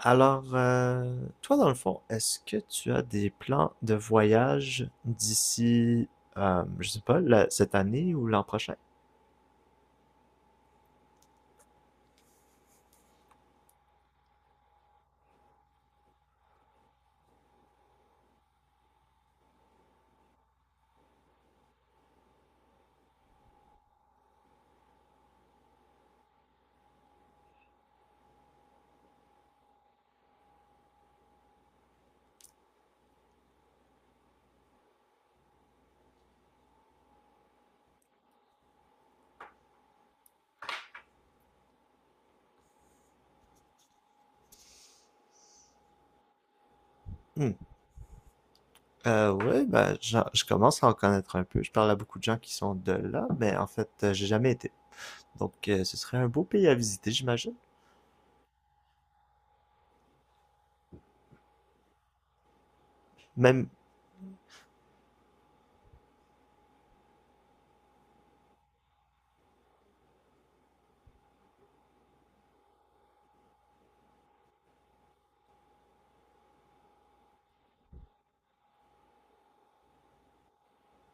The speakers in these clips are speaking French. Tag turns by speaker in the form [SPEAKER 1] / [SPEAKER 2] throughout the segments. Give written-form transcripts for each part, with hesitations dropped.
[SPEAKER 1] Alors, toi, dans le fond, est-ce que tu as des plans de voyage d'ici, je sais pas, cette année ou l'an prochain? Hmm. Ouais, ben, je commence à en connaître un peu. Je parle à beaucoup de gens qui sont de là, mais en fait, j'ai jamais été. Donc, ce serait un beau pays à visiter, j'imagine. Même.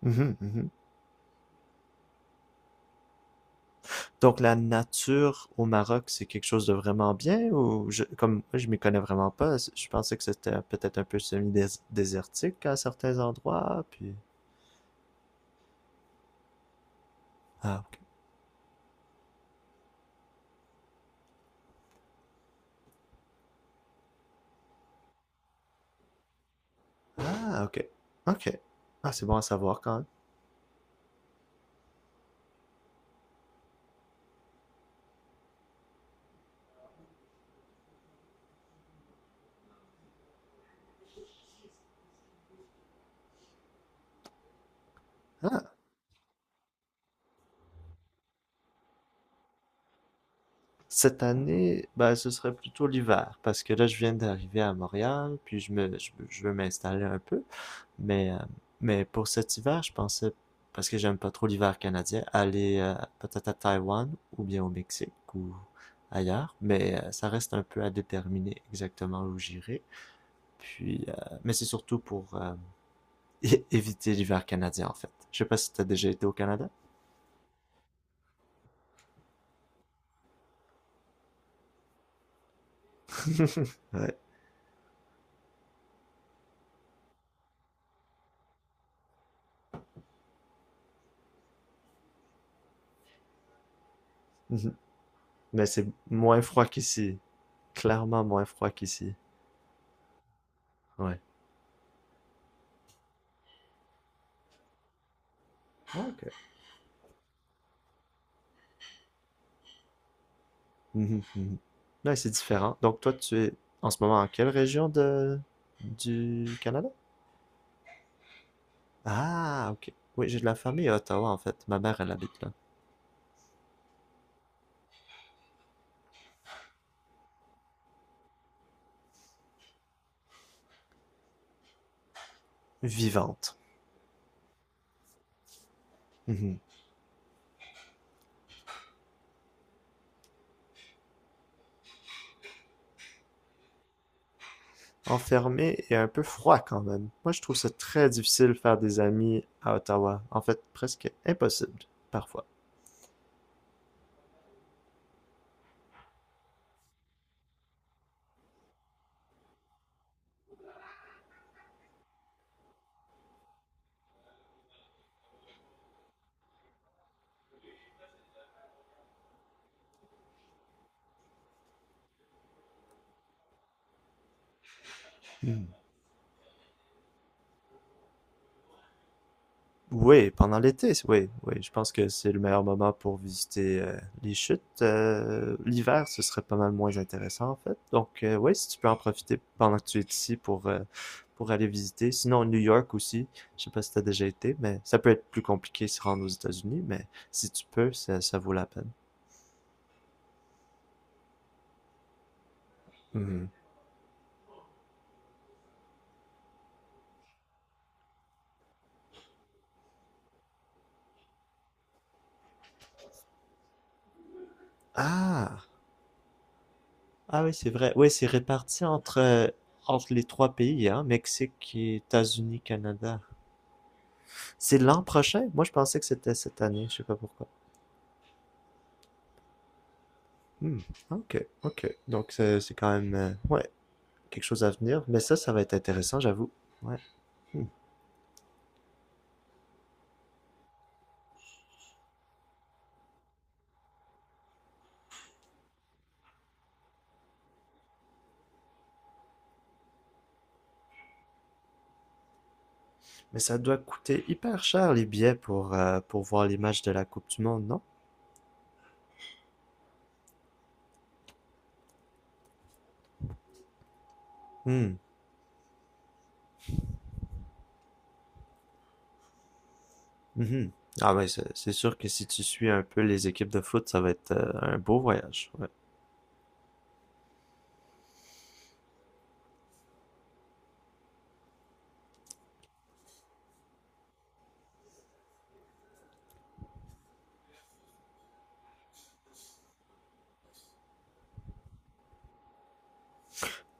[SPEAKER 1] Mhm, mhm. Donc, la nature au Maroc, c'est quelque chose de vraiment bien ou comme moi, je m'y connais vraiment pas, je pensais que c'était peut-être un peu semi-désertique à certains endroits, puis. Ah, ok. Ah, ok. Ok. Ah, c'est bon à savoir quand même. Ah, cette année, ben, ce serait plutôt l'hiver, parce que là, je viens d'arriver à Montréal, puis je veux m'installer un peu. Mais, euh, mais pour cet hiver, je pensais, parce que j'aime pas trop l'hiver canadien, aller peut-être à Taïwan, ou bien au Mexique, ou ailleurs. Mais ça reste un peu à déterminer exactement où j'irai. Puis, mais c'est surtout pour éviter l'hiver canadien, en fait. Je sais pas si t'as déjà été au Canada. Ouais. Mhm. Mais c'est moins froid qu'ici. Clairement moins froid qu'ici. Ouais. Ok. Mhm, mhm. Ouais, c'est différent. Donc toi, tu es en ce moment en quelle région de du Canada? Ah, ok. Oui, j'ai de la famille à Ottawa, en fait. Ma mère, elle habite là. Vivante. Mhm. Enfermée et un peu froid quand même. Moi, je trouve ça très difficile de faire des amis à Ottawa. En fait, presque impossible, parfois. Mhm. Oui, pendant l'été, oui, oui, je pense que c'est le meilleur moment pour visiter les chutes. L'hiver, ce serait pas mal moins intéressant en fait. Donc oui, si tu peux en profiter pendant que tu es ici pour aller visiter. Sinon, New York aussi, je sais pas si t'as déjà été, mais ça peut être plus compliqué de se rendre aux États-Unis, mais si tu peux, ça vaut la peine. Mhm. Ah, ah oui, c'est vrai. Oui, c'est réparti entre entre les trois pays, hein, Mexique, et États-Unis, Canada. C'est l'an prochain? Moi, je pensais que c'était cette année, je sais pas pourquoi. Hmm. Ok, ok. Donc, c'est quand même, ouais, quelque chose à venir. Mais ça va être intéressant, j'avoue. Ouais. Hmm. Mais ça doit coûter hyper cher les billets pour voir les matchs de la Coupe du Monde, non? Hmm. Mhm. Ah, ouais, c'est sûr que si tu suis un peu les équipes de foot, ça va être un beau voyage. Ouais.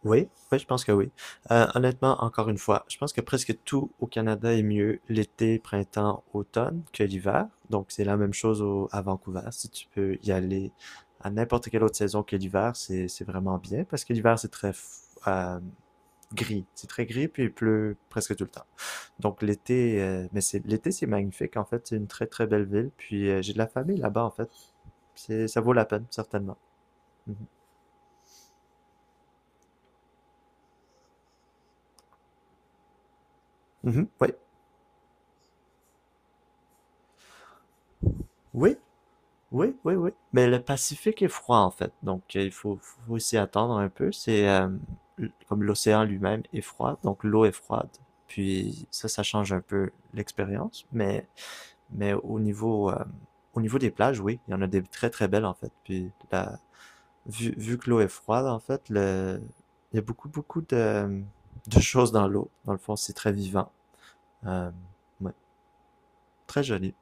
[SPEAKER 1] Oui, oui, je pense que oui. Honnêtement, encore une fois, je pense que presque tout au Canada est mieux l'été, printemps, automne que l'hiver. Donc, c'est la même chose à Vancouver. Si tu peux y aller à n'importe quelle autre saison que l'hiver, c'est vraiment bien parce que l'hiver, c'est très gris. C'est très gris, puis il pleut presque tout le temps. Donc, l'été, mais c'est l'été, c'est magnifique. En fait, c'est une très, très belle ville. Puis, j'ai de la famille là-bas, en fait. Ça vaut la peine, certainement. Mhm. Mhm, oui. Oui, Oui, oui, oui. Mais le Pacifique est froid en fait, donc il faut, faut s'y attendre un peu. C'est comme l'océan lui-même est froid, donc l'eau est froide. Puis ça change un peu l'expérience, mais au niveau des plages, oui, il y en a des très très belles en fait. Puis la vu que l'eau est froide en fait, le il y a beaucoup de choses dans l'eau. Dans le fond, c'est très vivant. Euh, ouais, très joli.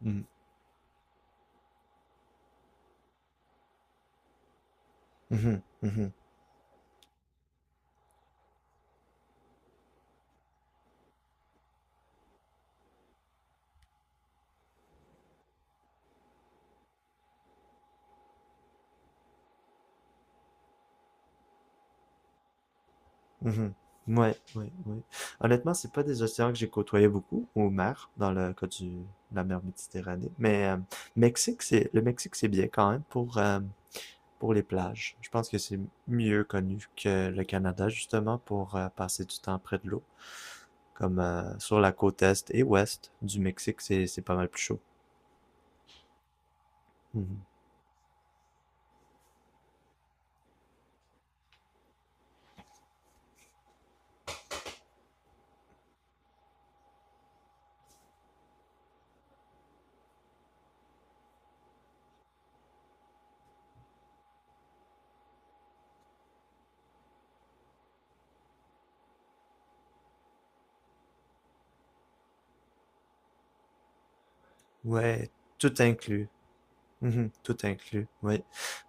[SPEAKER 1] Mhm. Mhm, mhm. Mhm. Ouais, ouais, ouais. Honnêtement, c'est pas des océans que j'ai côtoyé beaucoup, au mer, dans le cas de la mer Méditerranée. Mais le Mexique, c'est bien quand même pour les plages. Je pense que c'est mieux connu que le Canada, justement, pour passer du temps près de l'eau. Comme sur la côte est et ouest du Mexique, c'est pas mal plus chaud. Mhm. Ouais, tout inclus. Mhm. Tout inclus, oui.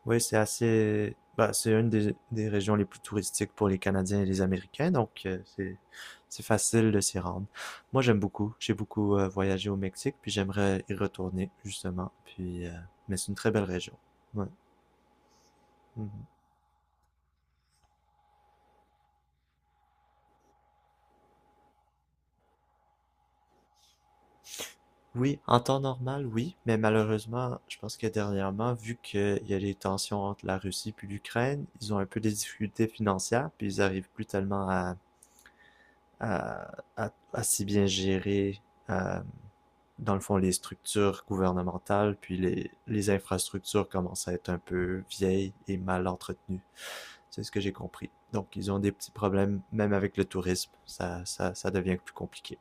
[SPEAKER 1] Oui, c'est assez. Bah, c'est une des régions les plus touristiques pour les Canadiens et les Américains, donc c'est facile de s'y rendre. Moi, j'aime beaucoup. J'ai beaucoup voyagé au Mexique, puis j'aimerais y retourner, justement. Puis, mais c'est une très belle région. Ouais. Mhm. Oui, en temps normal, oui, mais malheureusement, je pense que dernièrement, vu qu'il y a les tensions entre la Russie puis l'Ukraine, ils ont un peu des difficultés financières, puis ils arrivent plus tellement à à si bien gérer, euh, dans le fond, les structures gouvernementales, puis les infrastructures commencent à être un peu vieilles et mal entretenues. C'est ce que j'ai compris. Donc, ils ont des petits problèmes, même avec le tourisme. Ça devient plus compliqué.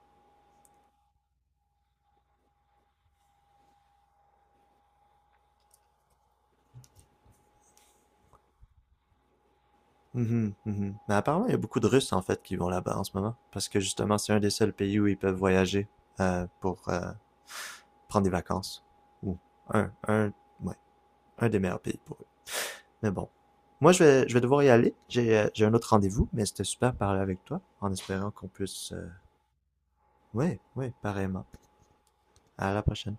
[SPEAKER 1] Mhm, mhm. Mais apparemment, il y a beaucoup de Russes, en fait, qui vont là-bas en ce moment. Parce que justement, c'est un des seuls pays où ils peuvent voyager pour prendre des vacances. Ou un, un, ouais, un des meilleurs pays pour Mais bon. Moi, je vais devoir y aller. J'ai un autre rendez-vous, mais c'était super de parler avec toi, en espérant qu'on puisse... Ouais, ouais, pareillement. À la prochaine.